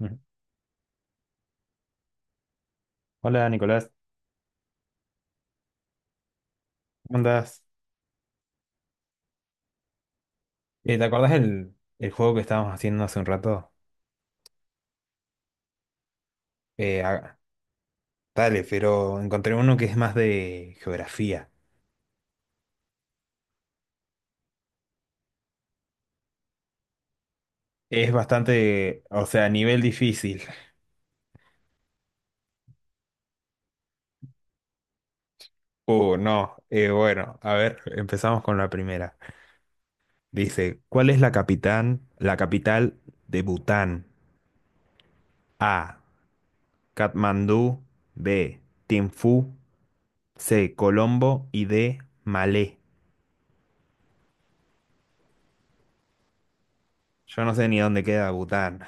Ujú. Hola Nicolás, ¿cómo andás? ¿Te acordás el juego que estábamos haciendo hace un rato? Eh, ah, dale, pero encontré uno que es más de geografía. Es bastante, o sea, nivel difícil. No. Bueno, a ver, empezamos con la primera. Dice, ¿cuál es la capital de Bután? A, Katmandú; B, Thimphu; C, Colombo y D, Malé. Yo no sé ni dónde queda Bután,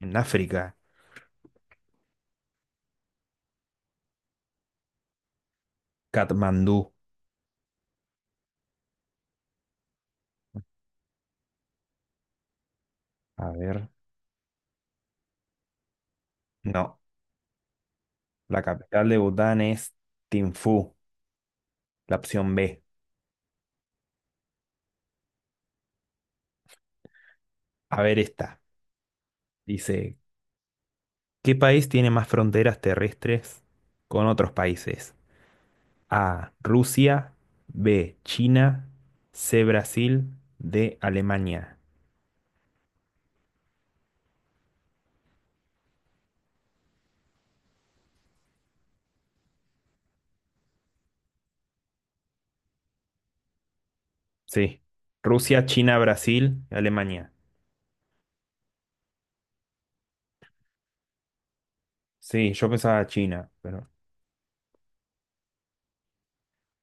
en África. Katmandú. A ver, no. La capital de Bután es Thimphu, la opción B. A ver esta. Dice, ¿qué país tiene más fronteras terrestres con otros países? A, Rusia; B, China; C, Brasil; D, Alemania. Sí. Rusia, China, Brasil, Alemania. Sí, yo pensaba China, pero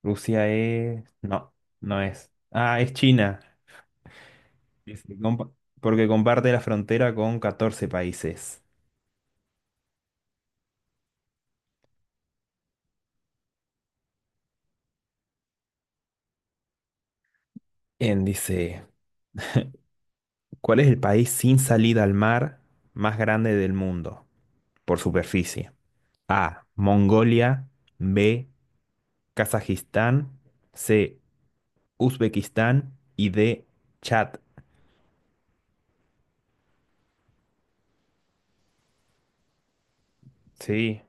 Rusia es... No, no es. Ah, es China. que se compa- Porque comparte la frontera con 14 países. En dice, ¿cuál es el país sin salida al mar más grande del mundo por superficie? A, Mongolia. B, Kazajistán. C, Uzbekistán. Y D, Chad. Sí,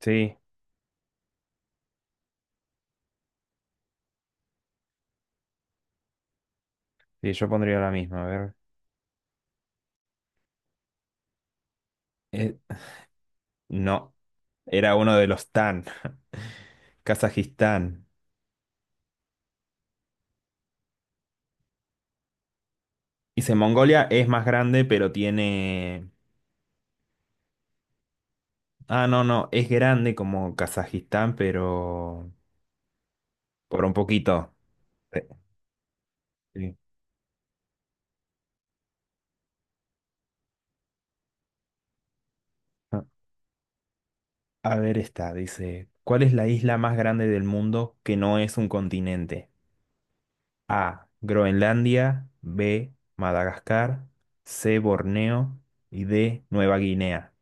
sí, sí, yo pondría la misma. A ver. Eh, no, era uno de los tan. Kazajistán. Dice, Mongolia es más grande, pero tiene... Ah, no, no, es grande como Kazajistán, pero por un poquito. Sí, sí. Ah, a ver esta, dice, ¿cuál es la isla más grande del mundo que no es un continente? A, Groenlandia; B, Madagascar; C, Borneo y D, Nueva Guinea.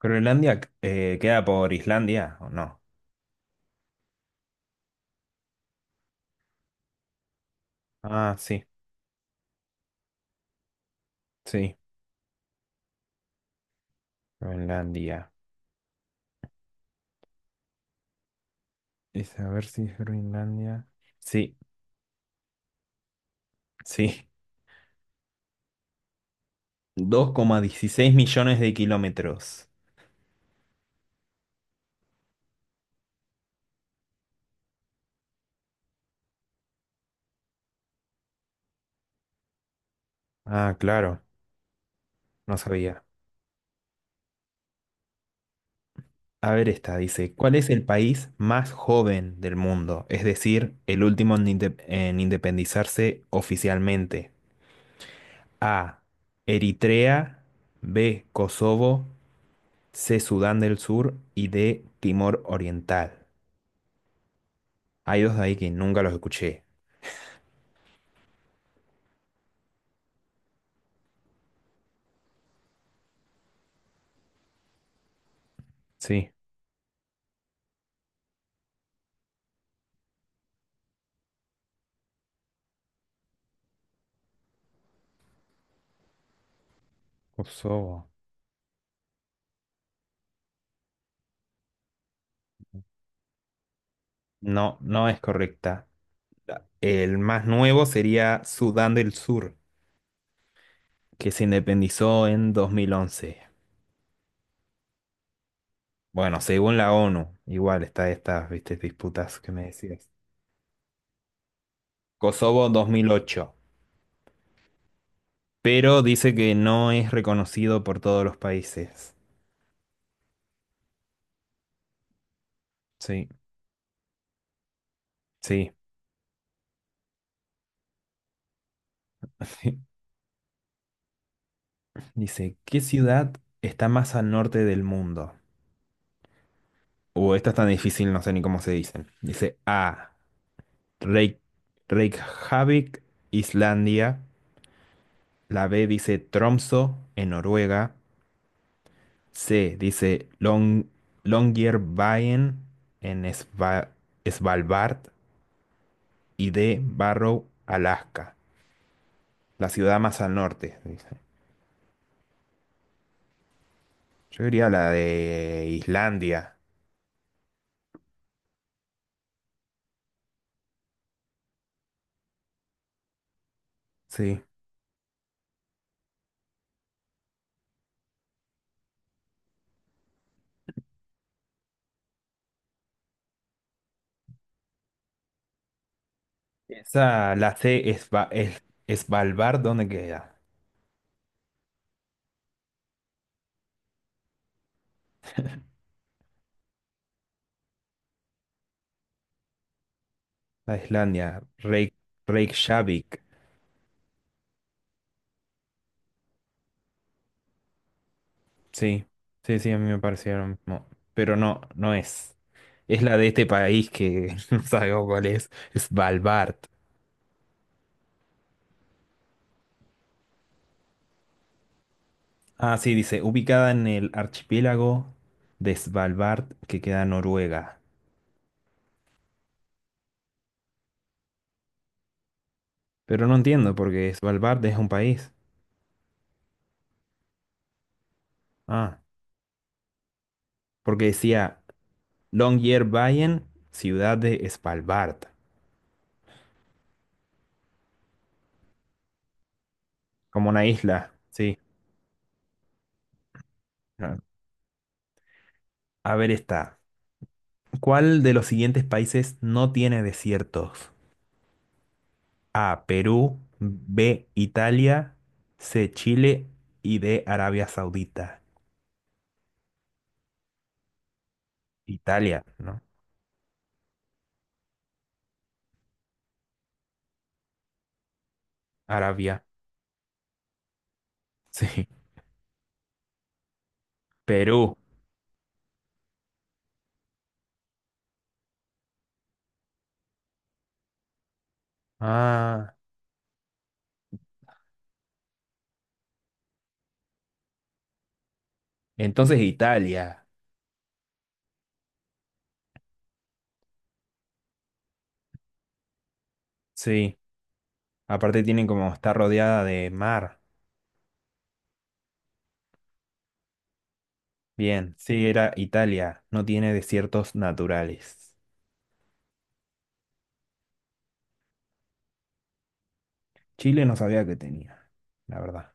Groenlandia queda por Islandia, ¿o no? Ah, sí, sí, Groenlandia. Es a ver si es Groenlandia. Sí, sí. 2,16 millones de kilómetros. Ah, claro, no sabía. A ver esta, dice, ¿cuál es el país más joven del mundo? Es decir, el último en, en independizarse oficialmente. A, Eritrea; B, Kosovo; C, Sudán del Sur y D, Timor Oriental. Hay dos de ahí que nunca los escuché. Sí, Kosovo. No, no es correcta. El más nuevo sería Sudán del Sur, que se independizó en 2011. Bueno, según la ONU, igual está estas, viste, disputas que me decías. Kosovo 2008, pero dice que no es reconocido por todos los países. Sí, sí. Dice, ¿qué ciudad está más al norte del mundo? Esta es tan difícil, no sé ni cómo se dicen. Dice A, Reyk- Reykjavik, Islandia. La B dice Tromso, en Noruega. C dice Longyearbyen en Svalbard y D, Barrow, Alaska. La ciudad más al norte, dice. Yo diría la de Islandia. Sí. Esa, la C es, Svalbard, ¿dónde queda? La de Islandia. Reykjavik. Sí, sí, sí, a mí me pareció lo mismo. Pero no, no es. Es la de este país que no sabemos cuál es. Svalbard. Ah, sí, dice, ubicada en el archipiélago de Svalbard que queda en Noruega. Pero no entiendo porque Svalbard es un país. Ah, porque decía Longyearbyen, ciudad de Svalbard, como una isla. Sí. Ah. A ver esta. ¿Cuál de los siguientes países no tiene desiertos? A, Perú; B, Italia; C, Chile y D, Arabia Saudita. Italia, ¿no? Arabia. Sí. Perú. Ah. Entonces Italia. Sí, aparte tienen, como está rodeada de mar. Bien, sí, era Italia, no tiene desiertos naturales. Chile no sabía que tenía, la verdad.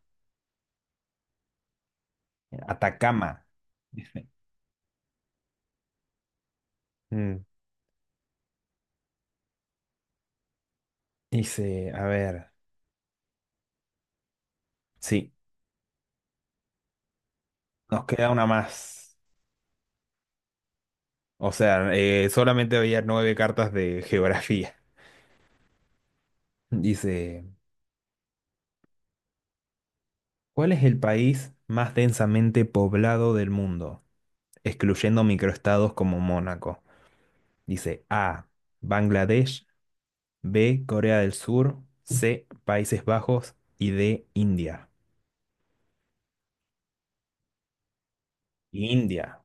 Atacama. Mm, dice, a ver, sí, nos queda una más. O sea, solamente había 9 cartas de geografía. Dice, ¿cuál es el país más densamente poblado del mundo? Excluyendo microestados como Mónaco. Dice A, Bangladesh; B, Corea del Sur; C, Países Bajos y D, India. India.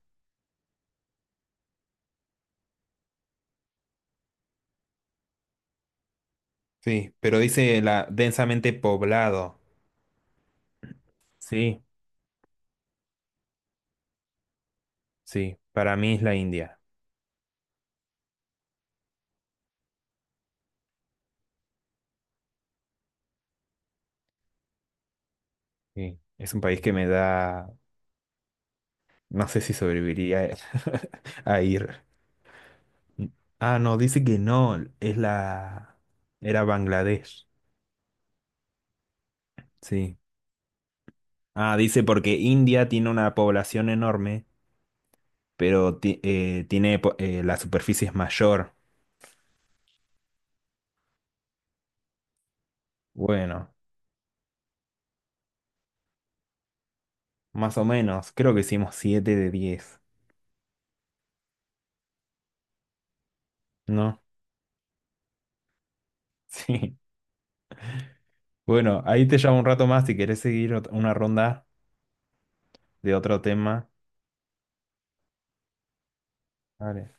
Sí, pero dice la densamente poblado. Sí, sí, para mí es la India. Sí, es un país que me da, no sé si sobreviviría a ir. Ah, no, dice que no, es la... Era Bangladesh. Sí. Ah, dice porque India tiene una población enorme pero tiene la superficie es mayor. Bueno, más o menos, creo que hicimos 7 de 10, ¿no? Sí. Bueno, ahí te llamo un rato más si querés seguir una ronda de otro tema. Vale.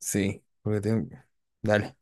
Sí, porque tengo... Dale.